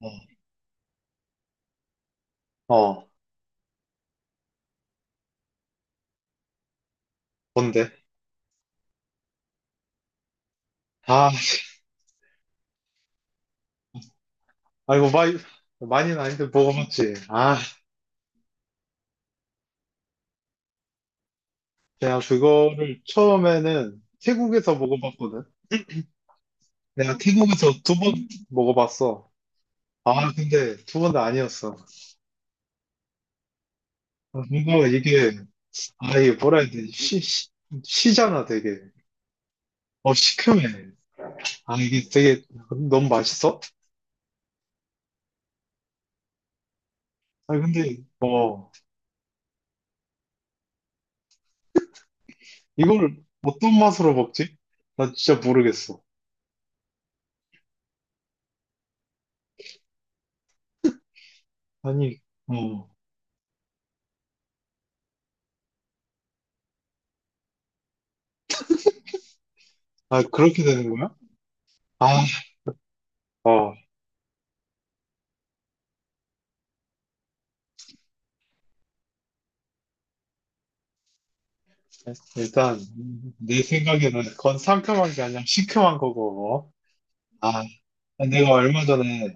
어, 어, 뭔데? 아, 아이고, 많이는 아닌데 먹어봤지. 아, 내가 그거를 처음에는 태국에서 먹어봤거든. 내가 태국에서 두 번 먹어봤어. 아, 근데 두 번 다 아니었어. 아, 뭔가 이게, 아, 이게 뭐라 해야 되지? 시잖아, 되게. 어, 시큼해. 아, 이게 되게 너무 맛있어? 아, 근데, 어, 이걸 어떤 맛으로 먹지? 나 진짜 모르겠어. 아니, 어, 아, 그렇게 되는 거야? 아, 어. 일단 내 생각에는 그건 상큼한 게 아니라 시큼한 거고, 아, 내가 얼마 전에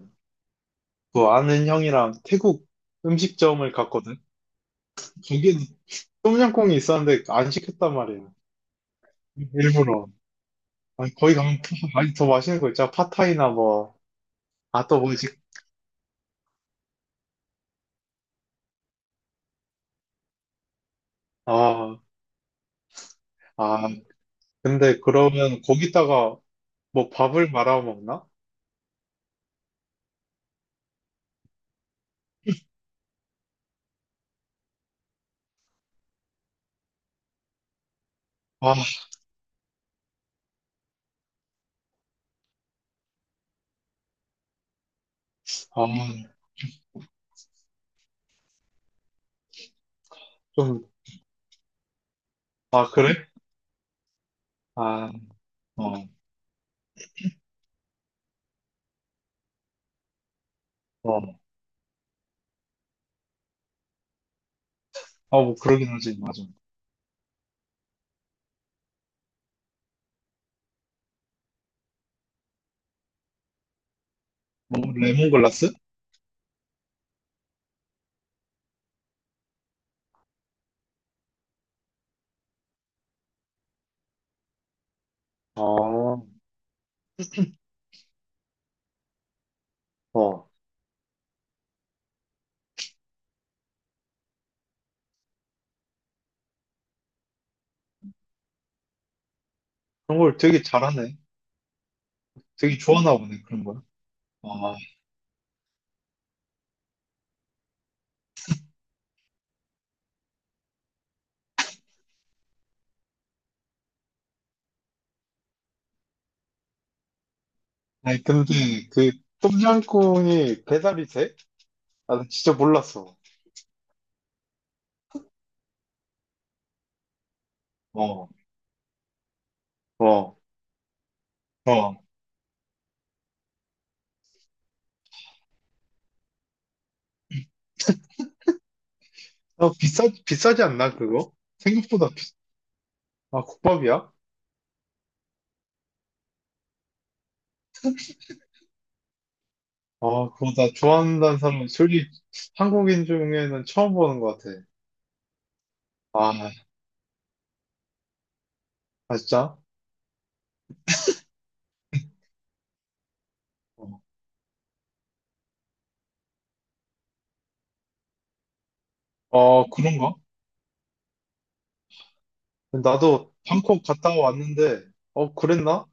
그 아는 형이랑 태국 음식점을 갔거든. 거기에 똠양꿍이 있었는데 안 시켰단 말이야, 일부러. 아니, 거기 가면 아니, 더 맛있는 거 있잖아, 팟타이나 뭐. 아, 또 뭐지? 아 아, 근데 그러면 거기다가 뭐 밥을 말아 먹나? 아아좀아 그래. 아, 어, 어, 아, 뭐 그러긴 하지, 맞아. 뭐 레몬글라스. 아, 어. 그런 걸 되게 잘하네. 되게 좋아하나 보네, 그런 걸. 아, 아니, 근데 그 똠양꿍이 배달이 돼? 아, 나 진짜 몰랐어. 어, 어, 어. 어, 비싸지 않나, 그거? 생각보다, 아, 국밥이야? 아, 그거 나 좋아한다는 사람, 솔직히 한국인 중에는 처음 보는 것 같아. 아, 아, 진짜? 어, 어, 그런가? 나도 방콕 갔다 왔는데, 어, 그랬나?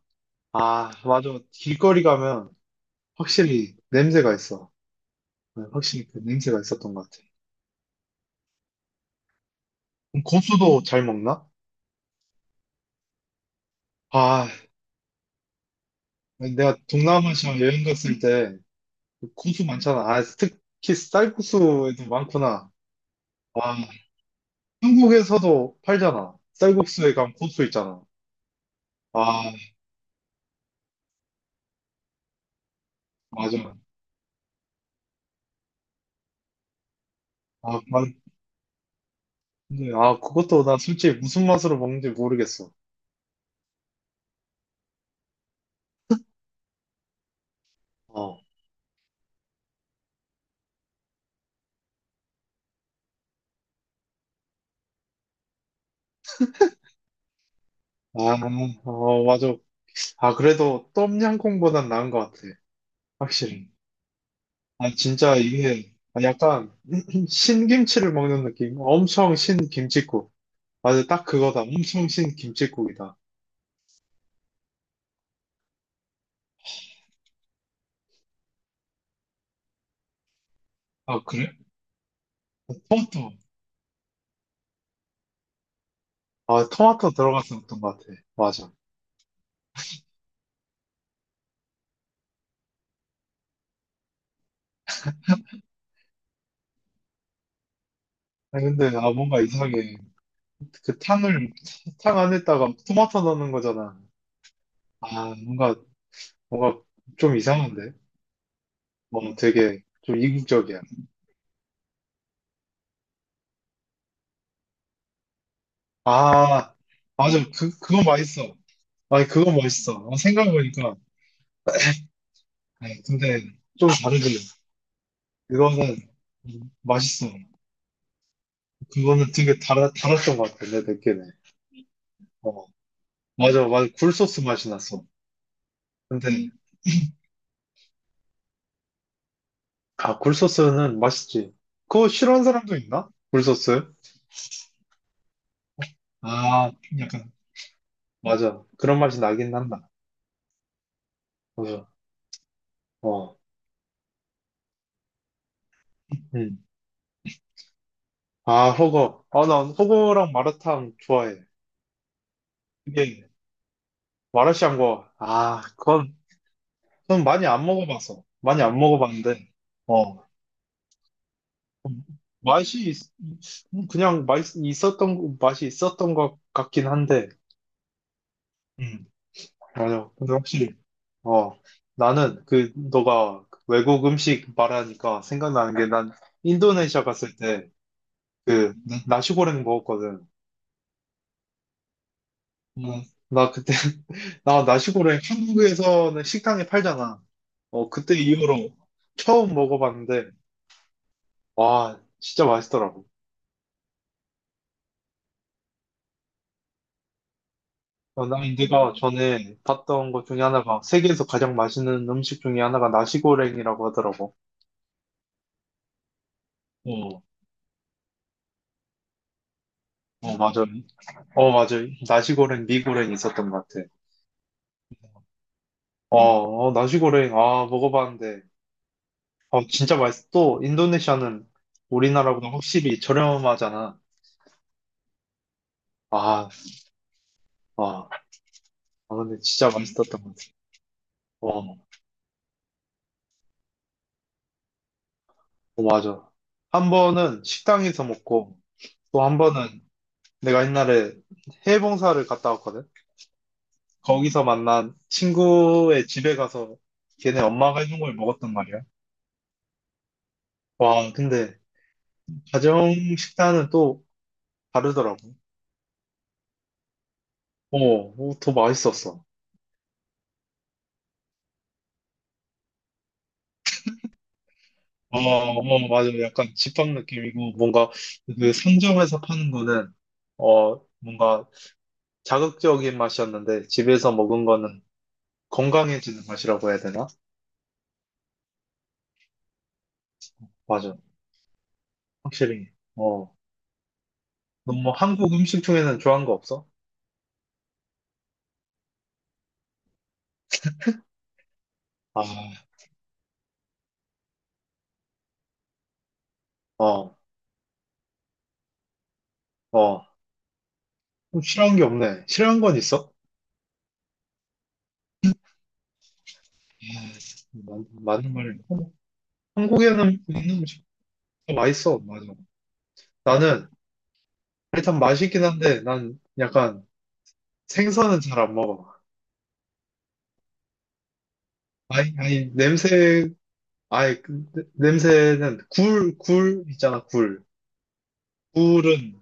아, 맞아. 길거리 가면 확실히 냄새가 있어. 네, 확실히 그 냄새가 있었던 것 같아. 그럼 고수도 잘 먹나? 아, 내가 동남아시아 여행 갔을 때그 고수 많잖아. 아, 특히 쌀국수에도 많구나. 아, 한국에서도 팔잖아. 쌀국수에 가면 고수 있잖아. 아, 맞아. 아, 근데 아, 그것도 나 솔직히 무슨 맛으로 먹는지 모르겠어. 어, 아, 어, 맞아. 아, 그래도 똠양꿍보단 나은 것 같아. 확실히. 아, 진짜 이게 약간 신김치를 먹는 느낌. 엄청 신김칫국. 맞아, 딱 그거다. 엄청 신김칫국이다. 아, 그래? 아, 토마토. 아, 토마토 들어갔었던 것 같아. 맞아. 아, 근데 아, 뭔가 이상해. 그 탕을 탕 안에다가 토마토 넣는 거잖아. 아, 뭔가, 뭔가 좀 이상한데. 어, 되게 좀 이국적이야. 아, 맞아. 그거 맛있어. 아니, 그거 맛있어. 아, 생각해보니까. 아니, 근데 좀 다르길래. 그거는 맛있어. 그거는 되게 달았던 것 같아, 내 느낌에. 어, 맞아, 맞아. 굴소스 맛이 났어. 근데, 아, 굴소스는 맛있지. 그거 싫어하는 사람도 있나? 굴소스? 아, 약간, 맞아. 그런 맛이 나긴 한다. 맞아. 어, 음. 아, 호거. 아, 난 호거랑 마라탕 좋아해. 이게, 마라샹궈. 아, 그건, 그건 많이 안 먹어봐서. 많이 안 먹어봤는데, 어. 맛이, 있- 그냥 맛이 있었던 것 같긴 한데, 음, 맞아. 근데 확실히, 어, 나는 그, 너가 외국 음식 말하니까 생각나는 게 난 인도네시아 갔을 때, 그, 나시고랭 먹었거든. 음, 나 그때, 나 나시고랭 한국에서는 식당에 팔잖아. 어, 그때 이후로 처음 먹어봤는데, 와, 진짜 맛있더라고. 어, 나 네가 전에 봤던 것 중에 하나가 세계에서 가장 맛있는 음식 중에 하나가 나시고랭이라고 하더라고. 어, 어, 맞아. 어, 맞아. 나시고랭, 미고랭 있었던 것 같아. 어, 어, 나시고랭, 아, 먹어봤는데. 어, 진짜 맛있어. 또, 인도네시아는 우리나라보다 확실히 저렴하잖아. 아, 아, 아, 근데 진짜 맛있었던 것 같아. 어, 어, 맞아. 한 번은 식당에서 먹고, 또 한 번은 내가 옛날에 해외 봉사를 갔다 왔거든. 거기서 만난 친구의 집에 가서 걔네 엄마가 해준 걸 먹었단 말이야. 와, 근데 가정 식단은 또 다르더라고. 어, 어, 더 맛있었어. 어, 어, 맞아. 약간 집밥 느낌이고, 뭔가 그 상점에서 파는 거는 어, 뭔가 자극적인 맛이었는데 집에서 먹은 거는 건강해지는 맛이라고 해야 되나? 맞아. 확실히. 어. 너뭐 한국 음식 중에는 좋아하는 거 없어? 아, 어, 어. 좀 싫어하는 게 없네. 싫어하는 건 있어? 맞는 말이야. 국에는 있는 음식 더 맛있어. 맞아. 나는 일단 맛있긴 한데 난 약간 생선은 잘 안 먹어. 아니, 아니, 냄새. 아니, 그 냄새는 굴, 있잖아. 굴. 굴은,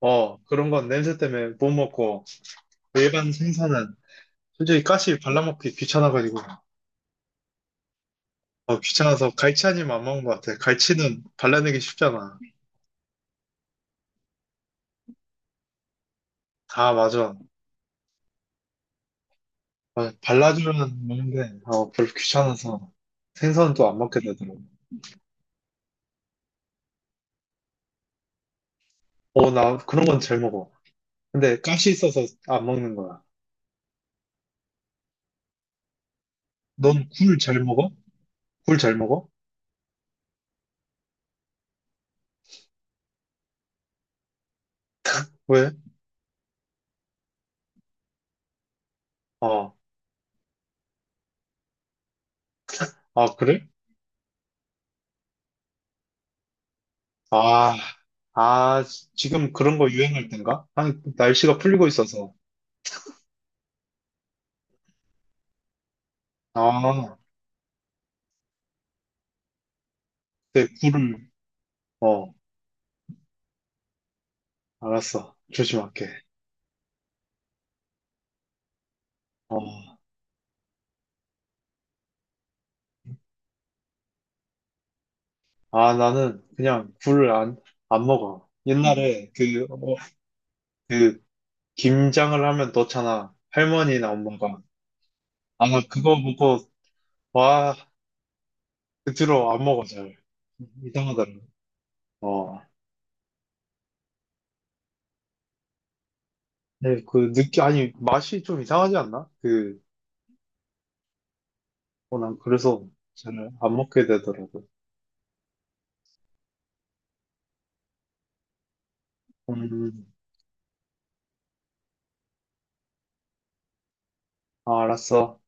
어, 그런 건 냄새 때문에 못 먹고, 일반 생선은 솔직히 가시 발라먹기 귀찮아가지고, 어, 귀찮아서 갈치 아니면 안 먹는 것 같아. 갈치는 발라내기 쉽잖아. 아, 맞아. 아, 발라주는 먹는데 어, 별로 귀찮아서 생선도 안 먹게 되더라고. 어, 나 그런 건 잘 먹어. 근데 가시 있어서 안 먹는 거야. 넌 굴 잘 먹어? 굴 잘 먹어? 왜? 어, 아, 그래? 아, 아, 지금 그런 거 유행할 땐가? 아니, 날씨가 풀리고 있어서. 아, 내 굴을, 어, 알았어. 조심할게. 어, 아, 나는 그냥 굴을, 안 먹어. 옛날에 그, 어, 그 김장을 하면 넣잖아. 할머니나 엄마가. 아마 그거 보고, 와, 그 뒤로 안 먹어, 잘. 이상하더라고. 어. 네, 그 아니, 맛이 좀 이상하지 않나? 그, 어, 난 그래서 잘 안 먹게 되더라고. 음, 아, 알았어.